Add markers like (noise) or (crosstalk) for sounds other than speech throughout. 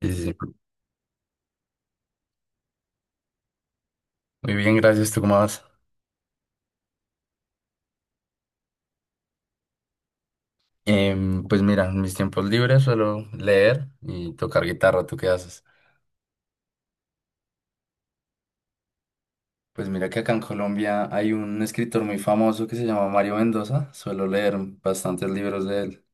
Sí, sí, sí. Muy bien, gracias. ¿Tú cómo vas? Pues mira, en mis tiempos libres suelo leer y tocar guitarra. ¿Tú qué haces? Pues mira que acá en Colombia hay un escritor muy famoso que se llama Mario Mendoza. Suelo leer bastantes libros de él.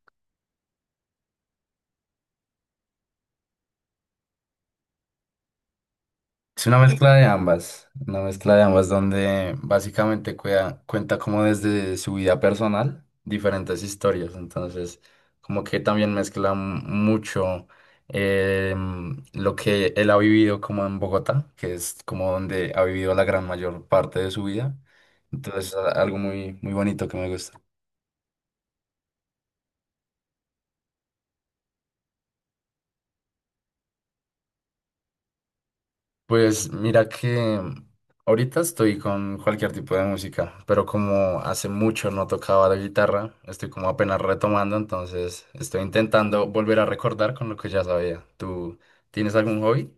Es una mezcla de ambas, una mezcla de ambas donde básicamente cuenta como desde su vida personal diferentes historias, entonces como que también mezcla mucho lo que él ha vivido como en Bogotá, que es como donde ha vivido la gran mayor parte de su vida, entonces algo muy, muy bonito que me gusta. Pues mira que ahorita estoy con cualquier tipo de música, pero como hace mucho no tocaba la guitarra, estoy como apenas retomando, entonces estoy intentando volver a recordar con lo que ya sabía. ¿Tú tienes algún hobby?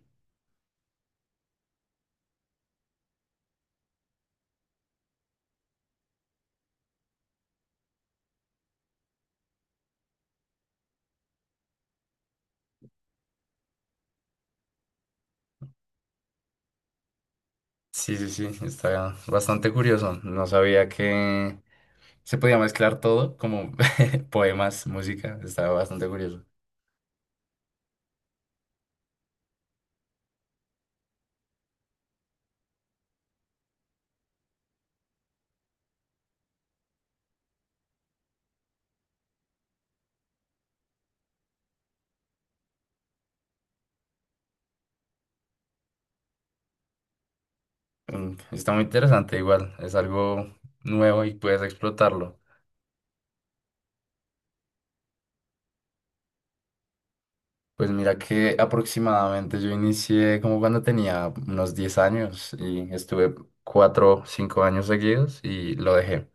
Sí, sí, sí, está bastante curioso. No sabía que se podía mezclar todo, como (laughs) poemas, música, está bastante curioso. Mm, está muy interesante igual, es algo nuevo y puedes explotarlo. Pues mira que aproximadamente yo inicié como cuando tenía unos 10 años y estuve 4 5 años seguidos y lo dejé.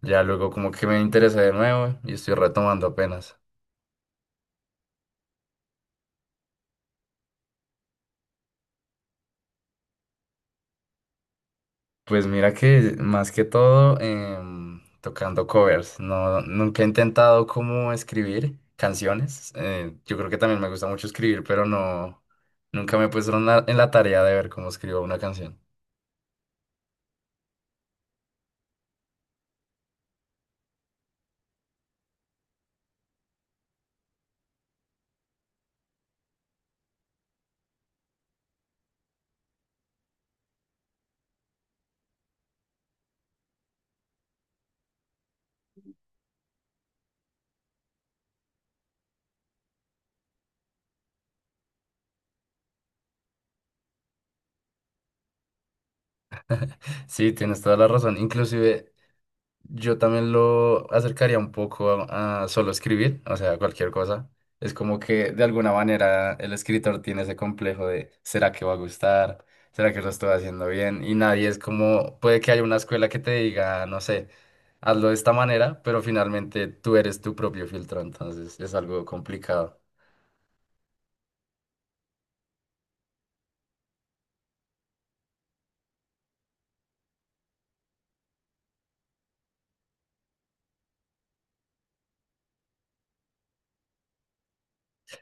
Ya luego como que me interesé de nuevo y estoy retomando apenas. Pues mira que más que todo tocando covers. No, nunca he intentado como escribir canciones. Yo creo que también me gusta mucho escribir, pero no, nunca me he puesto en la tarea de ver cómo escribo una canción. Sí, tienes toda la razón. Inclusive yo también lo acercaría un poco a solo escribir, o sea, cualquier cosa. Es como que de alguna manera el escritor tiene ese complejo de ¿será que va a gustar? ¿Será que lo estoy haciendo bien? Y nadie es como, puede que haya una escuela que te diga, no sé, hazlo de esta manera, pero finalmente tú eres tu propio filtro, entonces es algo complicado.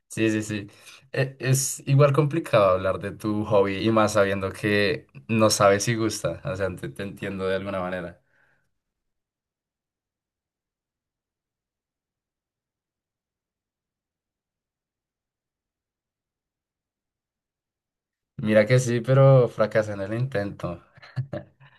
Sí, sí, sí. Es igual complicado hablar de tu hobby y más sabiendo que no sabes si gusta, o sea, te entiendo de alguna manera. Mira que sí, pero fracasé en el intento. (laughs)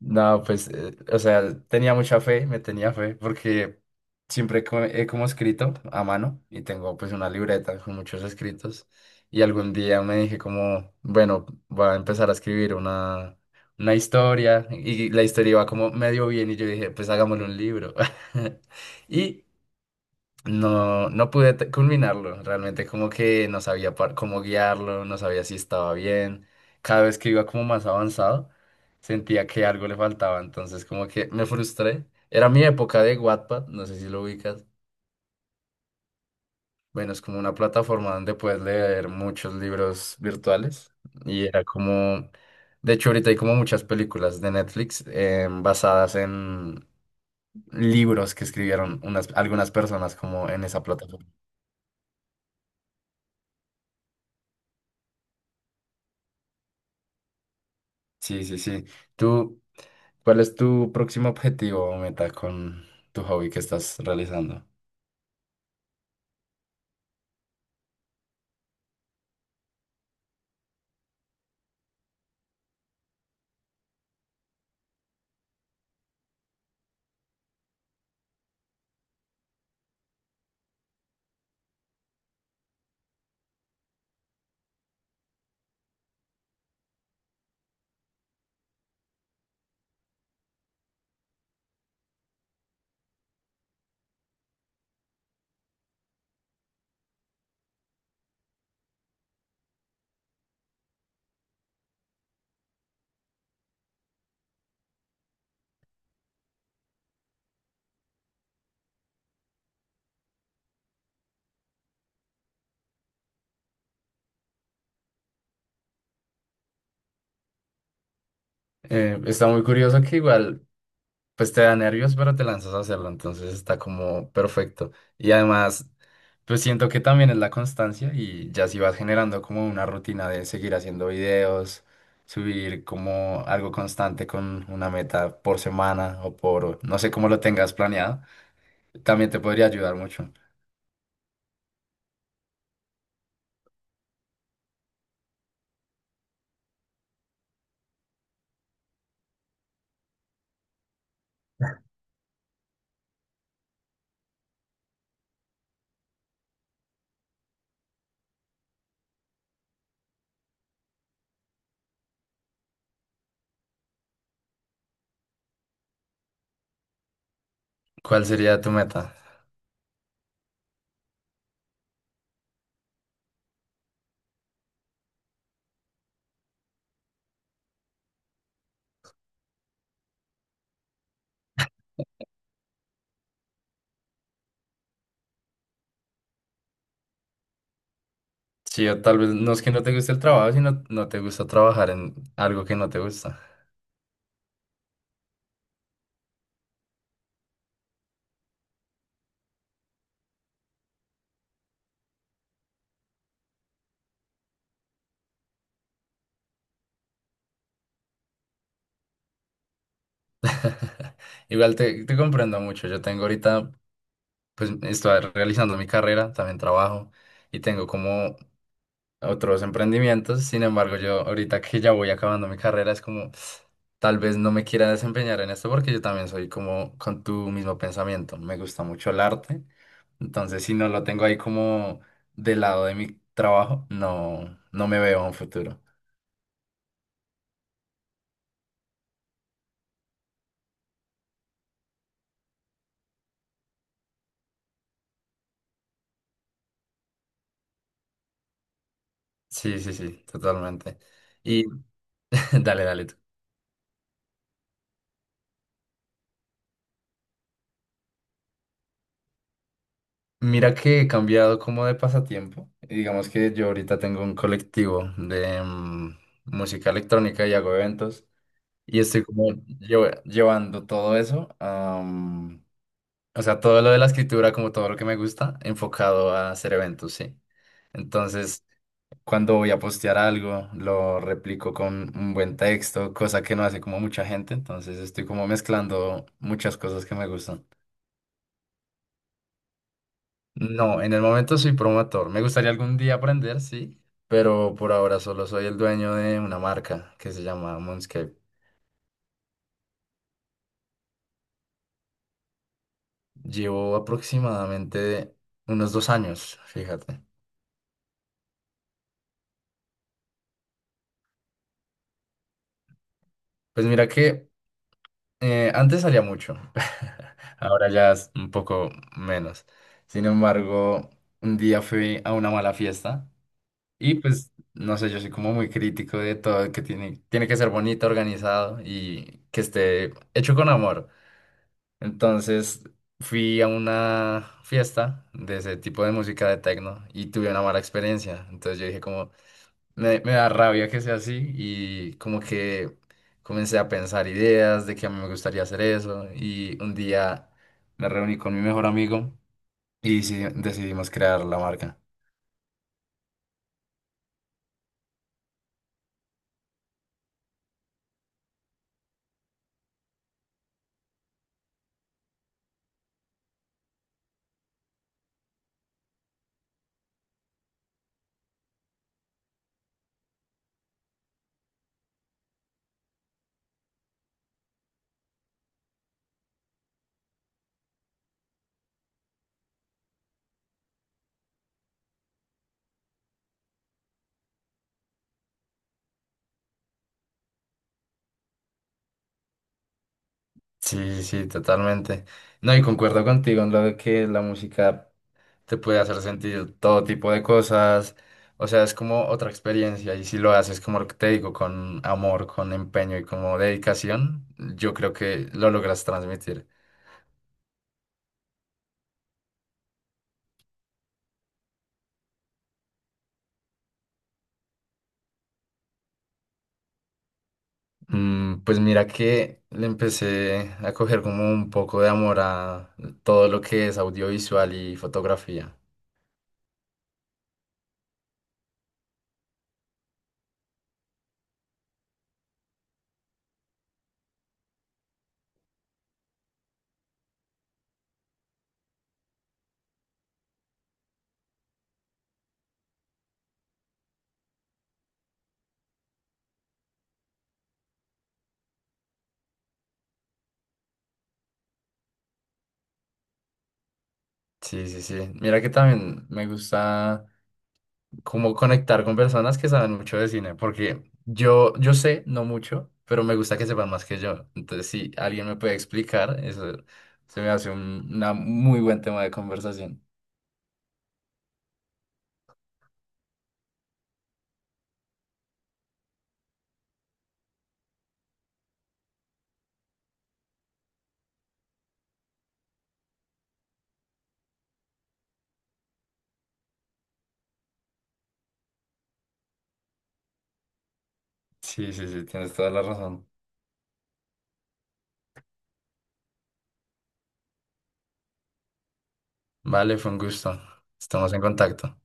No, pues, o sea, tenía mucha fe, me tenía fe, porque siempre he como escrito a mano y tengo pues una libreta con muchos escritos y algún día me dije como, bueno, voy a empezar a escribir una historia y la historia iba como medio bien y yo dije, pues hagámosle un libro. (laughs) Y no, no pude culminarlo, realmente como que no sabía cómo guiarlo, no sabía si estaba bien. Cada vez que iba como más avanzado, sentía que algo le faltaba, entonces como que me frustré. Era mi época de Wattpad, no sé si lo ubicas. Bueno, es como una plataforma donde puedes leer muchos libros virtuales y era como, de hecho ahorita hay como muchas películas de Netflix basadas en libros que escribieron unas, algunas personas como en esa plataforma. Sí, sí, sí. ¿Tú ¿cuál es tu próximo objetivo o meta con tu hobby que estás realizando? Está muy curioso que igual, pues te da nervios, pero te lanzas a hacerlo, entonces está como perfecto. Y además, pues siento que también es la constancia y ya si vas generando como una rutina de seguir haciendo videos, subir como algo constante con una meta por semana o por, no sé cómo lo tengas planeado, también te podría ayudar mucho. ¿Cuál sería tu meta? Sí, o tal vez no es que no te guste el trabajo, sino no te gusta trabajar en algo que no te gusta. (laughs) Igual te, te comprendo mucho. Yo tengo ahorita, pues estoy realizando mi carrera, también trabajo y tengo como otros emprendimientos. Sin embargo, yo ahorita que ya voy acabando mi carrera, es como tal vez no me quiera desempeñar en esto porque yo también soy como con tu mismo pensamiento. Me gusta mucho el arte. Entonces, si no lo tengo ahí como del lado de mi trabajo, no, no me veo a un futuro. Sí, sí, sí, totalmente. Y (laughs) dale, dale tú. Mira que he cambiado como de pasatiempo. Y digamos que yo ahorita tengo un colectivo de música electrónica y hago eventos. Y estoy como llevando todo eso, o sea, todo lo de la escritura, como todo lo que me gusta, enfocado a hacer eventos, sí. Entonces, cuando voy a postear algo, lo replico con un buen texto, cosa que no hace como mucha gente. Entonces, estoy como mezclando muchas cosas que me gustan. No, en el momento soy promotor. Me gustaría algún día aprender, sí, pero por ahora solo soy el dueño de una marca que se llama Moonscape. Llevo aproximadamente unos 2 años, fíjate. Pues mira que antes salía mucho, (laughs) ahora ya es un poco menos. Sin embargo, un día fui a una mala fiesta y pues, no sé, yo soy como muy crítico de todo, que tiene, tiene que ser bonito, organizado y que esté hecho con amor. Entonces fui a una fiesta de ese tipo de música de techno y tuve una mala experiencia. Entonces yo dije como, me da rabia que sea así y como que comencé a pensar ideas de que a mí me gustaría hacer eso y un día me reuní con mi mejor amigo y sí, decidimos crear la marca. Sí, sí, totalmente. No, y concuerdo contigo en lo de que la música te puede hacer sentir todo tipo de cosas. O sea, es como otra experiencia y si lo haces como lo que te digo, con amor, con empeño y como dedicación, yo creo que lo logras transmitir. Mm, pues mira que le empecé a coger como un poco de amor a todo lo que es audiovisual y fotografía. Sí, sí, sí. Mira que también me gusta como conectar con personas que saben mucho de cine, porque yo sé, no mucho, pero me gusta que sepan más que yo. Entonces, si alguien me puede explicar, eso se me hace un una muy buen tema de conversación. Sí, sí, sí, tienes toda la razón. Vale, fue un gusto. Estamos en contacto.